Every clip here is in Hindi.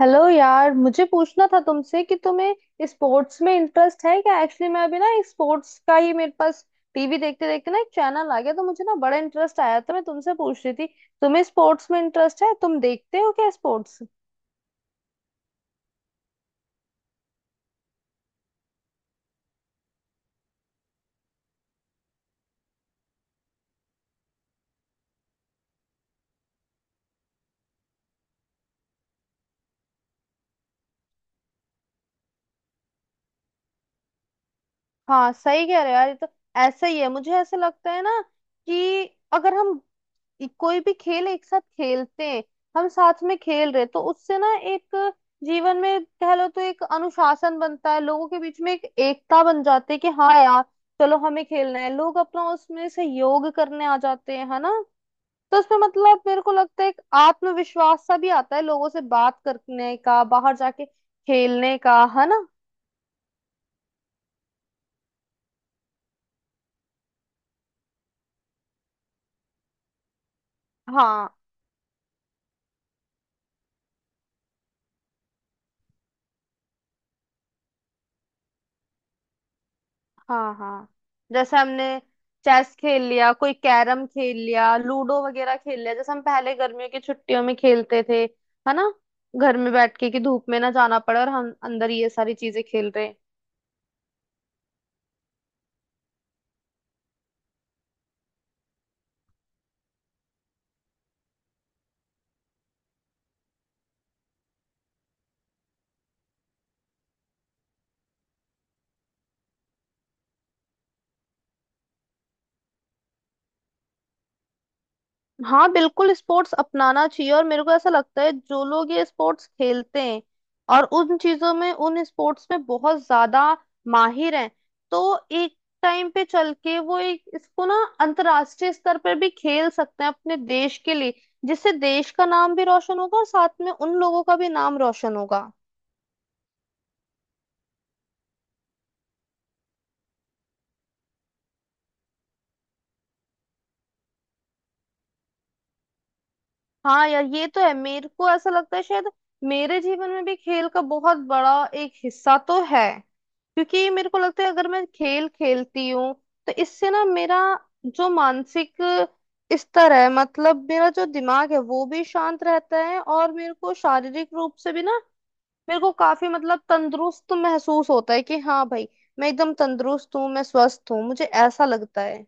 हेलो यार, मुझे पूछना था तुमसे कि तुम्हें स्पोर्ट्स में इंटरेस्ट है क्या? एक्चुअली मैं अभी ना एक स्पोर्ट्स का ही मेरे पास टीवी देखते देखते ना एक चैनल आ गया, तो मुझे ना बड़ा इंटरेस्ट आया, तो मैं तुमसे पूछ रही थी तुम्हें स्पोर्ट्स में इंटरेस्ट है, तुम देखते हो क्या स्पोर्ट्स? हाँ, सही कह रहे हो यार, ये तो ऐसा ही है। मुझे ऐसा लगता है ना कि अगर हम ये कोई भी खेल एक साथ खेलते हैं, हम साथ में खेल रहे तो उससे ना एक जीवन में कह लो तो एक अनुशासन बनता है, लोगों के बीच में एक एकता बन जाती है कि हाँ यार, चलो हमें खेलना है, लोग अपना उसमें सहयोग करने आ जाते हैं, है ना। तो उसमें मतलब मेरे को लगता है एक आत्मविश्वास सा भी आता है लोगों से बात करने का, बाहर जाके खेलने का, है ना। हाँ, हाँ, हाँ, जैसे हमने चेस खेल लिया, कोई कैरम खेल लिया, लूडो वगैरह खेल लिया, जैसे हम पहले गर्मियों की छुट्टियों में खेलते थे, है ना, घर में बैठ के कि धूप में ना जाना पड़े और हम अंदर ये सारी चीजें खेल रहे हैं। हाँ, बिल्कुल स्पोर्ट्स अपनाना चाहिए, और मेरे को ऐसा लगता है जो लोग ये स्पोर्ट्स खेलते हैं और उन चीजों में, उन स्पोर्ट्स में बहुत ज्यादा माहिर हैं, तो एक टाइम पे चल के वो एक इसको ना अंतर्राष्ट्रीय स्तर पर भी खेल सकते हैं अपने देश के लिए, जिससे देश का नाम भी रोशन होगा और साथ में उन लोगों का भी नाम रोशन होगा। हाँ यार, ये तो है। मेरे को ऐसा लगता है शायद मेरे जीवन में भी खेल का बहुत बड़ा एक हिस्सा तो है, क्योंकि मेरे को लगता है अगर मैं खेल खेलती हूँ तो इससे ना मेरा जो मानसिक स्तर है, मतलब मेरा जो दिमाग है वो भी शांत रहता है, और मेरे को शारीरिक रूप से भी ना मेरे को काफी मतलब तंदुरुस्त महसूस होता है कि हाँ भाई, मैं एकदम तंदुरुस्त हूँ, मैं स्वस्थ हूँ, मुझे ऐसा लगता है।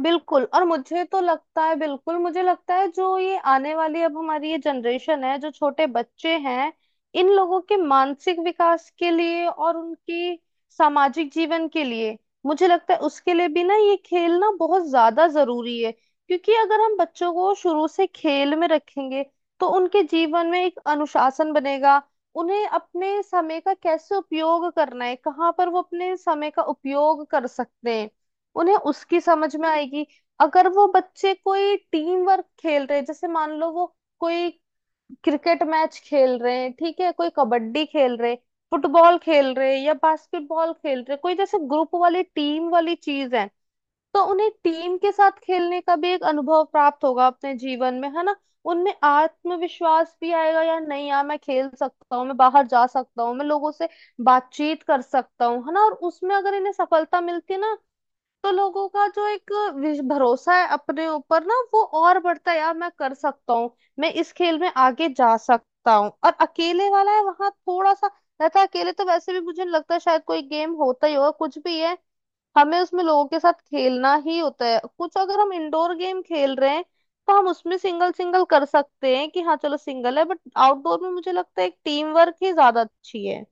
बिल्कुल। और मुझे तो लगता है बिल्कुल, मुझे लगता है जो ये आने वाली अब हमारी ये जनरेशन है, जो छोटे बच्चे हैं, इन लोगों के मानसिक विकास के लिए और उनकी सामाजिक जीवन के लिए, मुझे लगता है उसके लिए भी ना ये खेल ना बहुत ज्यादा जरूरी है, क्योंकि अगर हम बच्चों को शुरू से खेल में रखेंगे तो उनके जीवन में एक अनुशासन बनेगा। उन्हें अपने समय का कैसे उपयोग करना है, कहाँ पर वो अपने समय का उपयोग कर सकते हैं, उन्हें उसकी समझ में आएगी। अगर वो बच्चे कोई टीम वर्क खेल रहे हैं, जैसे मान लो वो कोई क्रिकेट मैच खेल रहे हैं, ठीक है, कोई कबड्डी खेल रहे, फुटबॉल खेल रहे या बास्केटबॉल खेल रहे, कोई जैसे ग्रुप वाली टीम वाली चीज है, तो उन्हें टीम के साथ खेलने का भी एक अनुभव प्राप्त होगा अपने जीवन में, है ना। उनमें आत्मविश्वास भी आएगा यार, नहीं यार मैं खेल सकता हूँ, मैं बाहर जा सकता हूँ, मैं लोगों से बातचीत कर सकता हूँ, है ना। और उसमें अगर इन्हें सफलता मिलती है ना, तो लोगों का जो एक भरोसा है अपने ऊपर ना, वो और बढ़ता है। यार मैं कर सकता हूँ, मैं इस खेल में आगे जा सकता हूँ। और अकेले वाला है वहां थोड़ा सा रहता है, अकेले तो वैसे भी मुझे नहीं लगता शायद कोई गेम होता ही होगा, कुछ भी है हमें उसमें लोगों के साथ खेलना ही होता है। कुछ अगर हम इंडोर गेम खेल रहे हैं तो हम उसमें सिंगल सिंगल कर सकते हैं कि हाँ चलो सिंगल है, बट आउटडोर में मुझे लगता है एक टीम वर्क ही ज्यादा अच्छी है।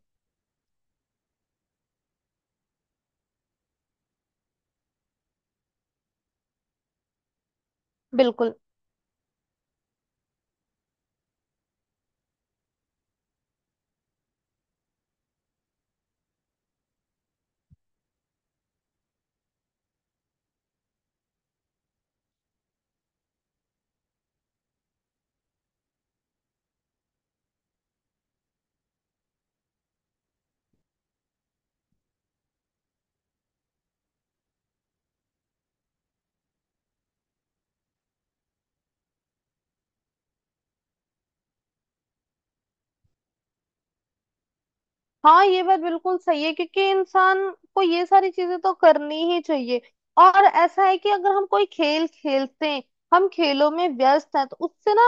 बिल्कुल। हाँ, ये बात बिल्कुल सही है, क्योंकि इंसान को ये सारी चीजें तो करनी ही चाहिए। और ऐसा है कि अगर हम कोई खेल खेलते हैं, हम खेलों में व्यस्त हैं, तो उससे ना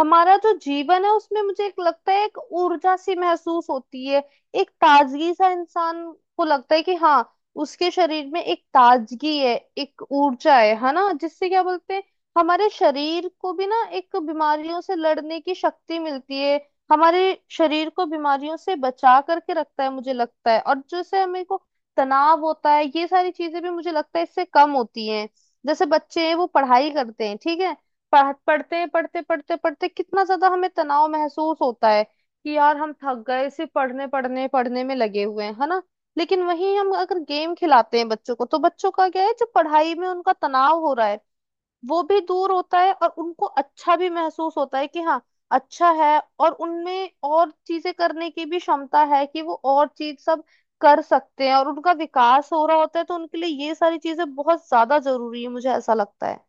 हमारा जो जीवन है उसमें मुझे एक लगता है, एक ऊर्जा सी महसूस होती है, एक ताजगी सा इंसान को लगता है कि हाँ उसके शरीर में एक ताजगी है, एक ऊर्जा है ना। जिससे क्या बोलते हैं, हमारे शरीर को भी ना एक बीमारियों से लड़ने की शक्ति मिलती है, हमारे शरीर को बीमारियों से बचा करके रखता है मुझे लगता है। और जैसे हमें को तनाव होता है, ये सारी चीजें भी मुझे लगता है इससे कम होती हैं। जैसे बच्चे हैं, वो पढ़ाई करते हैं, ठीक है, पढ़ते हैं, पढ़ते पढ़ते पढ़ते कितना ज्यादा हमें तनाव महसूस होता है कि यार हम थक गए, सिर्फ पढ़ने पढ़ने पढ़ने में लगे हुए हैं, है ना। लेकिन वहीं हम अगर गेम खिलाते हैं बच्चों को, तो बच्चों का क्या है, जो पढ़ाई में उनका तनाव हो रहा है वो भी दूर होता है, और उनको अच्छा भी महसूस होता है कि हाँ अच्छा है, और उनमें और चीजें करने की भी क्षमता है कि वो और चीज सब कर सकते हैं, और उनका विकास हो रहा होता है। तो उनके लिए ये सारी चीजें बहुत ज्यादा जरूरी है, मुझे ऐसा लगता है।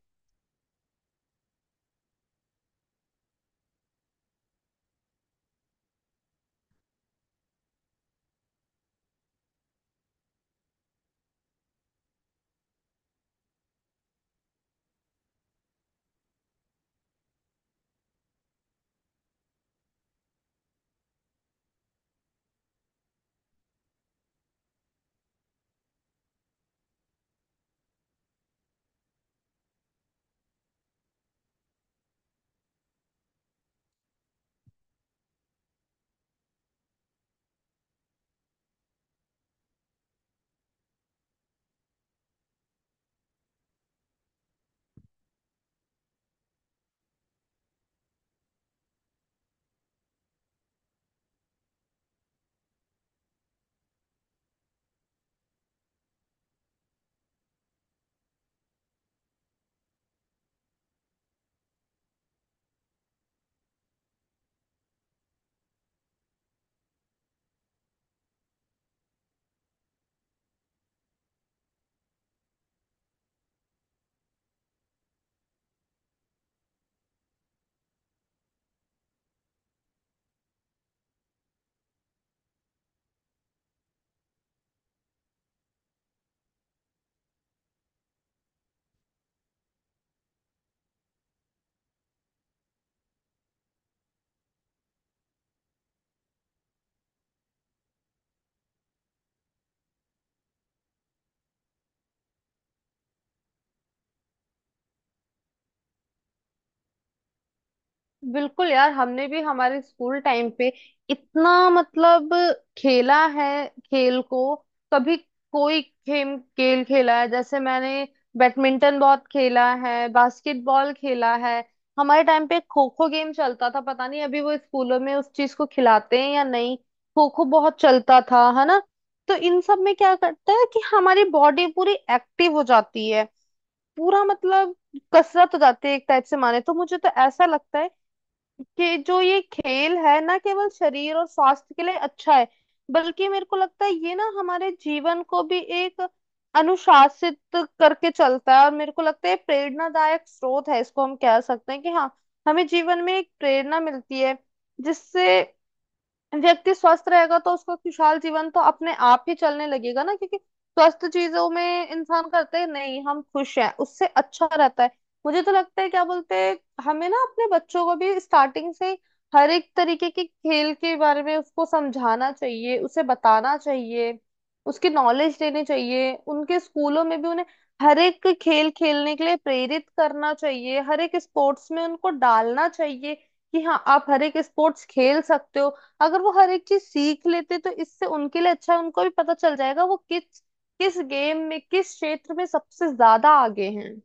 बिल्कुल यार, हमने भी हमारे स्कूल टाइम पे इतना मतलब खेला है, खेल को कभी कोई खेम खेल खेला है, जैसे मैंने बैडमिंटन बहुत खेला है, बास्केटबॉल खेला है। हमारे टाइम पे खो खो गेम चलता था, पता नहीं अभी वो स्कूलों में उस चीज को खिलाते हैं या नहीं, खो खो बहुत चलता था, है ना। तो इन सब में क्या करता है कि हमारी बॉडी पूरी एक्टिव हो जाती है, पूरा मतलब कसरत हो जाती है एक टाइप से माने तो। मुझे तो ऐसा लगता है कि जो ये खेल है ना, केवल शरीर और स्वास्थ्य के लिए अच्छा है, बल्कि मेरे को लगता है ये ना हमारे जीवन को भी एक अनुशासित करके चलता है, और मेरे को लगता है प्रेरणादायक स्रोत है, इसको हम कह सकते हैं कि हाँ, हमें जीवन में एक प्रेरणा मिलती है, जिससे व्यक्ति स्वस्थ रहेगा तो उसका खुशहाल जीवन तो अपने आप ही चलने लगेगा ना, क्योंकि स्वस्थ चीजों में इंसान करते हैं, नहीं हम खुश हैं उससे अच्छा रहता है। मुझे तो लगता है, क्या बोलते हैं, हमें ना अपने बच्चों को भी स्टार्टिंग से ही हर एक तरीके के खेल के बारे में उसको समझाना चाहिए, उसे बताना चाहिए, उसकी नॉलेज देनी चाहिए, उनके स्कूलों में भी उन्हें हर एक खेल खेलने के लिए प्रेरित करना चाहिए, हर एक स्पोर्ट्स में उनको डालना चाहिए, कि हाँ आप हर एक स्पोर्ट्स खेल सकते हो। अगर वो हर एक चीज सीख लेते तो इससे उनके लिए अच्छा है, उनको भी पता चल जाएगा वो किस किस गेम में, किस क्षेत्र में सबसे ज्यादा आगे हैं।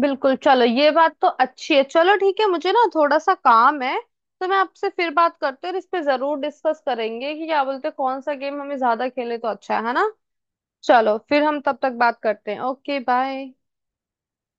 बिल्कुल, चलो ये बात तो अच्छी है। चलो ठीक है, मुझे ना थोड़ा सा काम है, तो मैं आपसे फिर बात करते हैं, और इस पे जरूर डिस्कस करेंगे कि क्या बोलते हैं कौन सा गेम हमें ज्यादा खेले तो अच्छा है ना। चलो फिर हम तब तक बात करते हैं, ओके बाय।